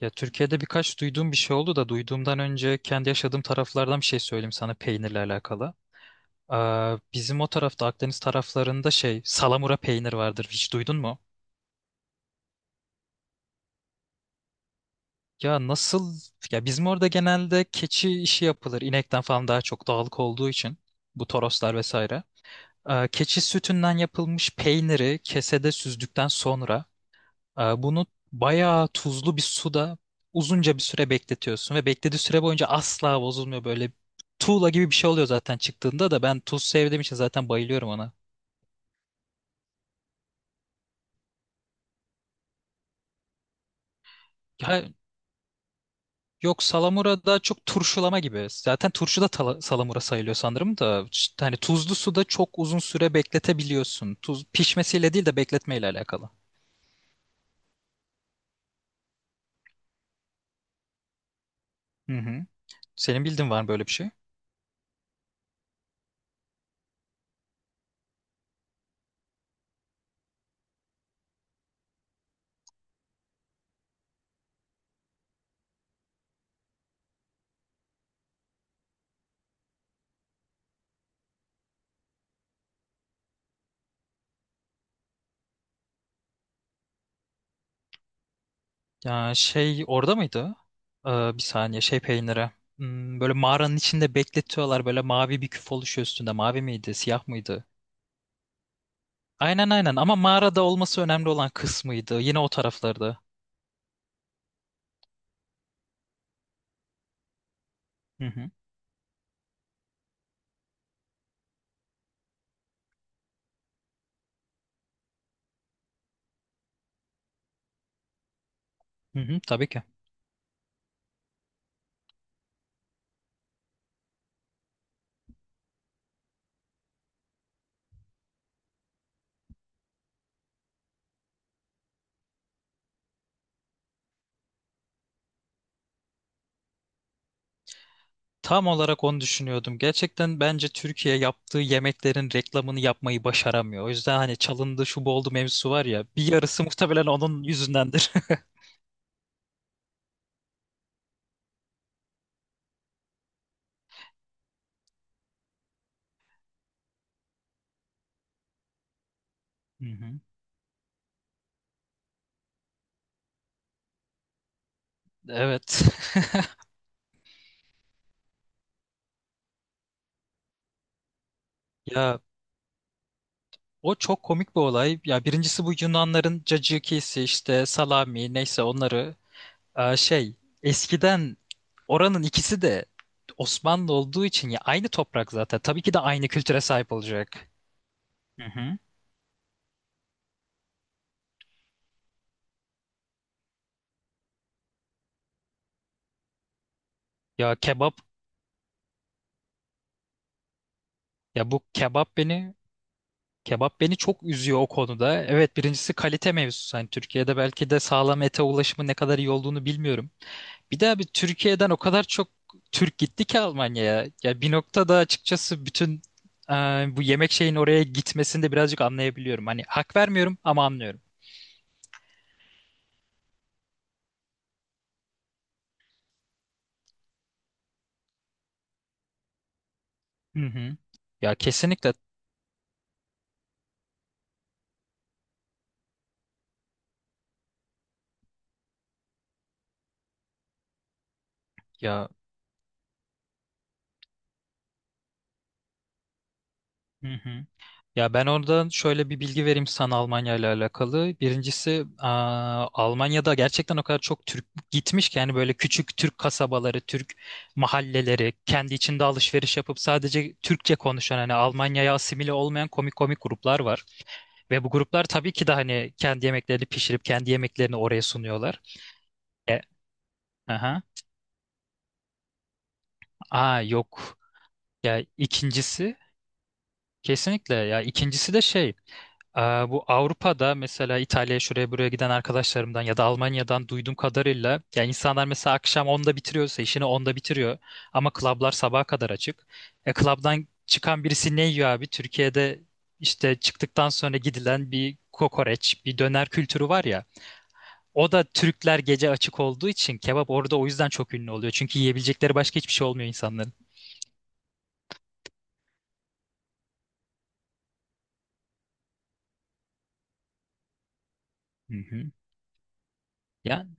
Ya Türkiye'de birkaç duyduğum bir şey oldu da duyduğumdan önce kendi yaşadığım taraflardan bir şey söyleyeyim sana peynirle alakalı. Bizim o tarafta Akdeniz taraflarında salamura peynir vardır. Hiç duydun mu? Ya nasıl? Ya bizim orada genelde keçi işi yapılır. İnekten falan daha çok dağlık olduğu için bu toroslar vesaire. Keçi sütünden yapılmış peyniri kesede süzdükten sonra bunu bayağı tuzlu bir suda uzunca bir süre bekletiyorsun ve beklediği süre boyunca asla bozulmuyor, böyle tuğla gibi bir şey oluyor zaten, çıktığında da ben tuz sevdiğim için zaten bayılıyorum ona. Ya yok, salamura daha çok turşulama gibi. Zaten turşu da salamura sayılıyor sanırım da işte hani tuzlu suda çok uzun süre bekletebiliyorsun. Tuz pişmesiyle değil de bekletmeyle alakalı. Hı hı. Senin bildiğin var mı böyle bir şey? Ya şey orada mıydı? Bir saniye, şey peyniri. Hmm, böyle mağaranın içinde bekletiyorlar, böyle mavi bir küf oluşuyor üstünde. Mavi miydi, siyah mıydı? Aynen aynen, ama mağarada olması önemli olan kısmıydı. Yine o taraflarda. Hı hı. Hı hı, tabii ki. Tam olarak onu düşünüyordum. Gerçekten bence Türkiye yaptığı yemeklerin reklamını yapmayı başaramıyor. O yüzden hani çalındı şu bu oldu mevzusu var ya, bir yarısı muhtemelen onun yüzündendir. Hı hı. Evet. Ya O çok komik bir olay. Ya birincisi bu Yunanların cacıkisi işte salami neyse onları e, şey eskiden oranın ikisi de Osmanlı olduğu için ya aynı toprak zaten. Tabii ki de aynı kültüre sahip olacak. Hı hı. Ya kebap ya bu kebap beni kebap beni çok üzüyor o konuda. Evet, birincisi kalite mevzusu. Hani Türkiye'de belki de sağlam ete ulaşımı ne kadar iyi olduğunu bilmiyorum. Bir Türkiye'den o kadar çok Türk gitti ki Almanya'ya. Ya bir noktada açıkçası bütün e, bu yemek şeyin oraya gitmesini de birazcık anlayabiliyorum. Hani hak vermiyorum ama anlıyorum. Hı hı. Ya kesinlikle ya. Hı hı. Ya ben oradan şöyle bir bilgi vereyim sana Almanya ile alakalı. Birincisi, Almanya'da gerçekten o kadar çok Türk gitmiş ki, yani böyle küçük Türk kasabaları, Türk mahalleleri, kendi içinde alışveriş yapıp sadece Türkçe konuşan, hani Almanya'ya asimile olmayan komik komik gruplar var. Ve bu gruplar tabii ki de hani kendi yemeklerini pişirip kendi yemeklerini oraya sunuyorlar. E, aha. Aa Yok. Ya ikincisi kesinlikle ya ikincisi de bu Avrupa'da mesela İtalya'ya şuraya buraya giden arkadaşlarımdan ya da Almanya'dan duyduğum kadarıyla, ya insanlar mesela akşam onda bitiriyorsa işini onda bitiriyor, ama klablar sabaha kadar açık. E, klabdan çıkan birisi ne yiyor abi? Türkiye'de işte çıktıktan sonra gidilen bir kokoreç, bir döner kültürü var ya. O da Türkler gece açık olduğu için kebap orada o yüzden çok ünlü oluyor. Çünkü yiyebilecekleri başka hiçbir şey olmuyor insanların. Hı hı. Yani.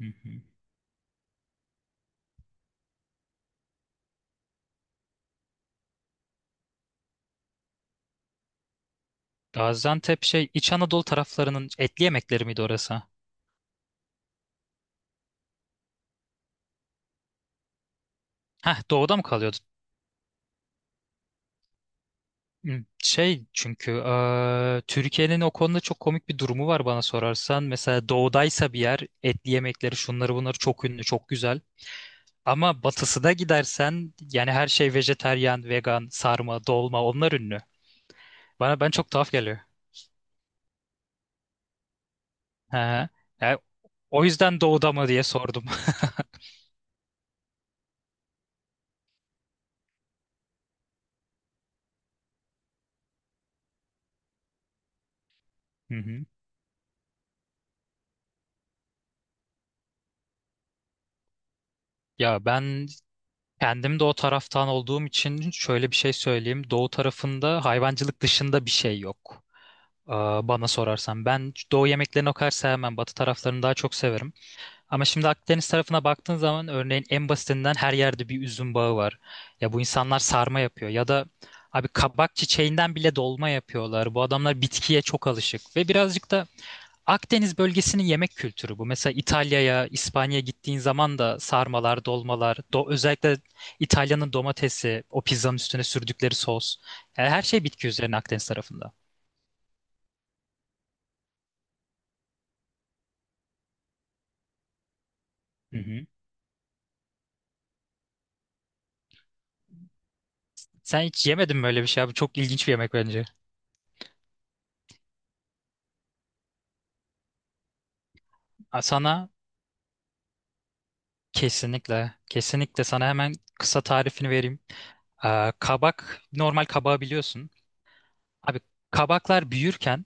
Hı hı. Gaziantep şey İç Anadolu taraflarının etli yemekleri miydi orası? Heh, doğuda mı kalıyordu? Hmm, şey çünkü Türkiye'nin o konuda çok komik bir durumu var bana sorarsan. Mesela doğudaysa bir yer, etli yemekleri şunları bunları çok ünlü, çok güzel. Ama batısına gidersen yani her şey vejetaryen, vegan, sarma, dolma onlar ünlü. Bana çok tuhaf geliyor. He. O yüzden doğuda mı diye sordum. Hı hı. Ya ben kendim de o taraftan olduğum için şöyle bir şey söyleyeyim. Doğu tarafında hayvancılık dışında bir şey yok. Bana sorarsan ben doğu yemeklerini o kadar sevmem. Batı taraflarını daha çok severim. Ama şimdi Akdeniz tarafına baktığın zaman örneğin en basitinden her yerde bir üzüm bağı var. Ya bu insanlar sarma yapıyor ya da abi kabak çiçeğinden bile dolma yapıyorlar. Bu adamlar bitkiye çok alışık ve birazcık da Akdeniz bölgesinin yemek kültürü bu. Mesela İtalya'ya, İspanya'ya gittiğin zaman da sarmalar, dolmalar, özellikle İtalya'nın domatesi, o pizzanın üstüne sürdükleri sos. Yani her şey bitki üzerine Akdeniz tarafında. Hı hı. Sen hiç yemedin mi öyle bir şey abi? Çok ilginç bir yemek bence. Sana kesinlikle, kesinlikle sana hemen kısa tarifini vereyim. Kabak, normal kabağı biliyorsun. Abi kabaklar büyürken,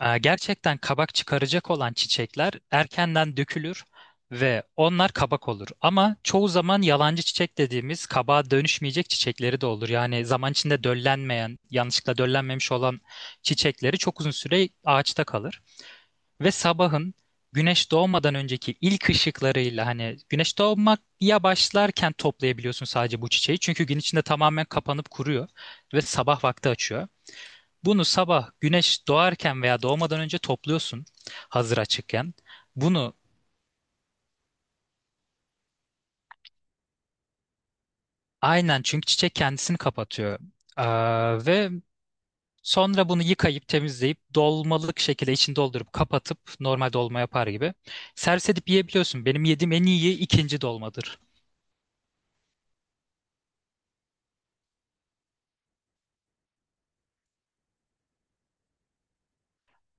Gerçekten kabak çıkaracak olan çiçekler erkenden dökülür ve onlar kabak olur. Ama çoğu zaman yalancı çiçek dediğimiz kabağa dönüşmeyecek çiçekleri de olur. Yani zaman içinde döllenmeyen, yanlışlıkla döllenmemiş olan çiçekleri çok uzun süre ağaçta kalır. Ve sabahın güneş doğmadan önceki ilk ışıklarıyla, hani güneş doğmak ya başlarken toplayabiliyorsun sadece bu çiçeği. Çünkü gün içinde tamamen kapanıp kuruyor ve sabah vakti açıyor. Bunu sabah güneş doğarken veya doğmadan önce topluyorsun, hazır açıkken. Bunu aynen, çünkü çiçek kendisini kapatıyor. Ve sonra bunu yıkayıp temizleyip dolmalık şekilde içini doldurup kapatıp normal dolma yapar gibi servis edip yiyebiliyorsun. Benim yediğim en iyi ikinci dolmadır.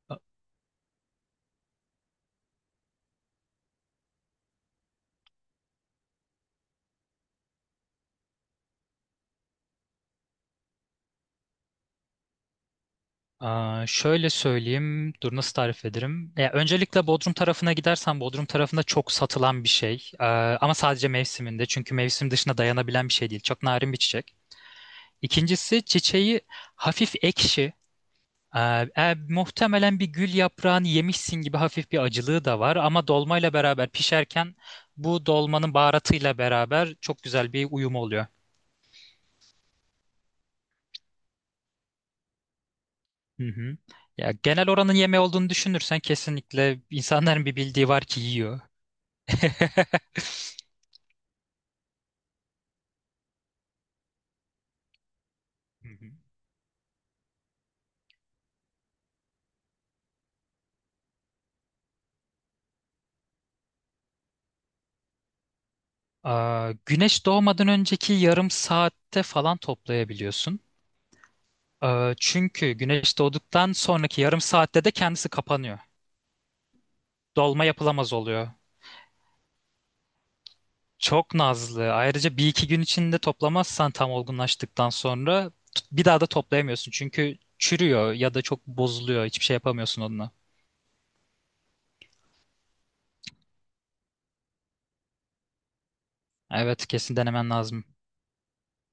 A- Şöyle söyleyeyim. Dur, nasıl tarif ederim? Ya, öncelikle Bodrum tarafına gidersen Bodrum tarafında çok satılan bir şey. Ama sadece mevsiminde. Çünkü mevsim dışında dayanabilen bir şey değil. Çok narin bir çiçek. İkincisi, çiçeği hafif ekşi. Ee, Muhtemelen bir gül yaprağını yemişsin gibi hafif bir acılığı da var. Ama dolmayla beraber pişerken bu dolmanın baharatıyla beraber çok güzel bir uyum oluyor. Hı hı. Ya genel oranın yemeği olduğunu düşünürsen kesinlikle insanların bir bildiği var ki yiyor. Hı hı. Güneş doğmadan önceki yarım saatte falan toplayabiliyorsun. Çünkü güneş doğduktan sonraki yarım saatte de kendisi kapanıyor. Dolma yapılamaz oluyor. Çok nazlı. Ayrıca bir iki gün içinde toplamazsan tam olgunlaştıktan sonra bir daha da toplayamıyorsun. Çünkü çürüyor ya da çok bozuluyor. Hiçbir şey yapamıyorsun onunla. Evet, kesin denemen lazım.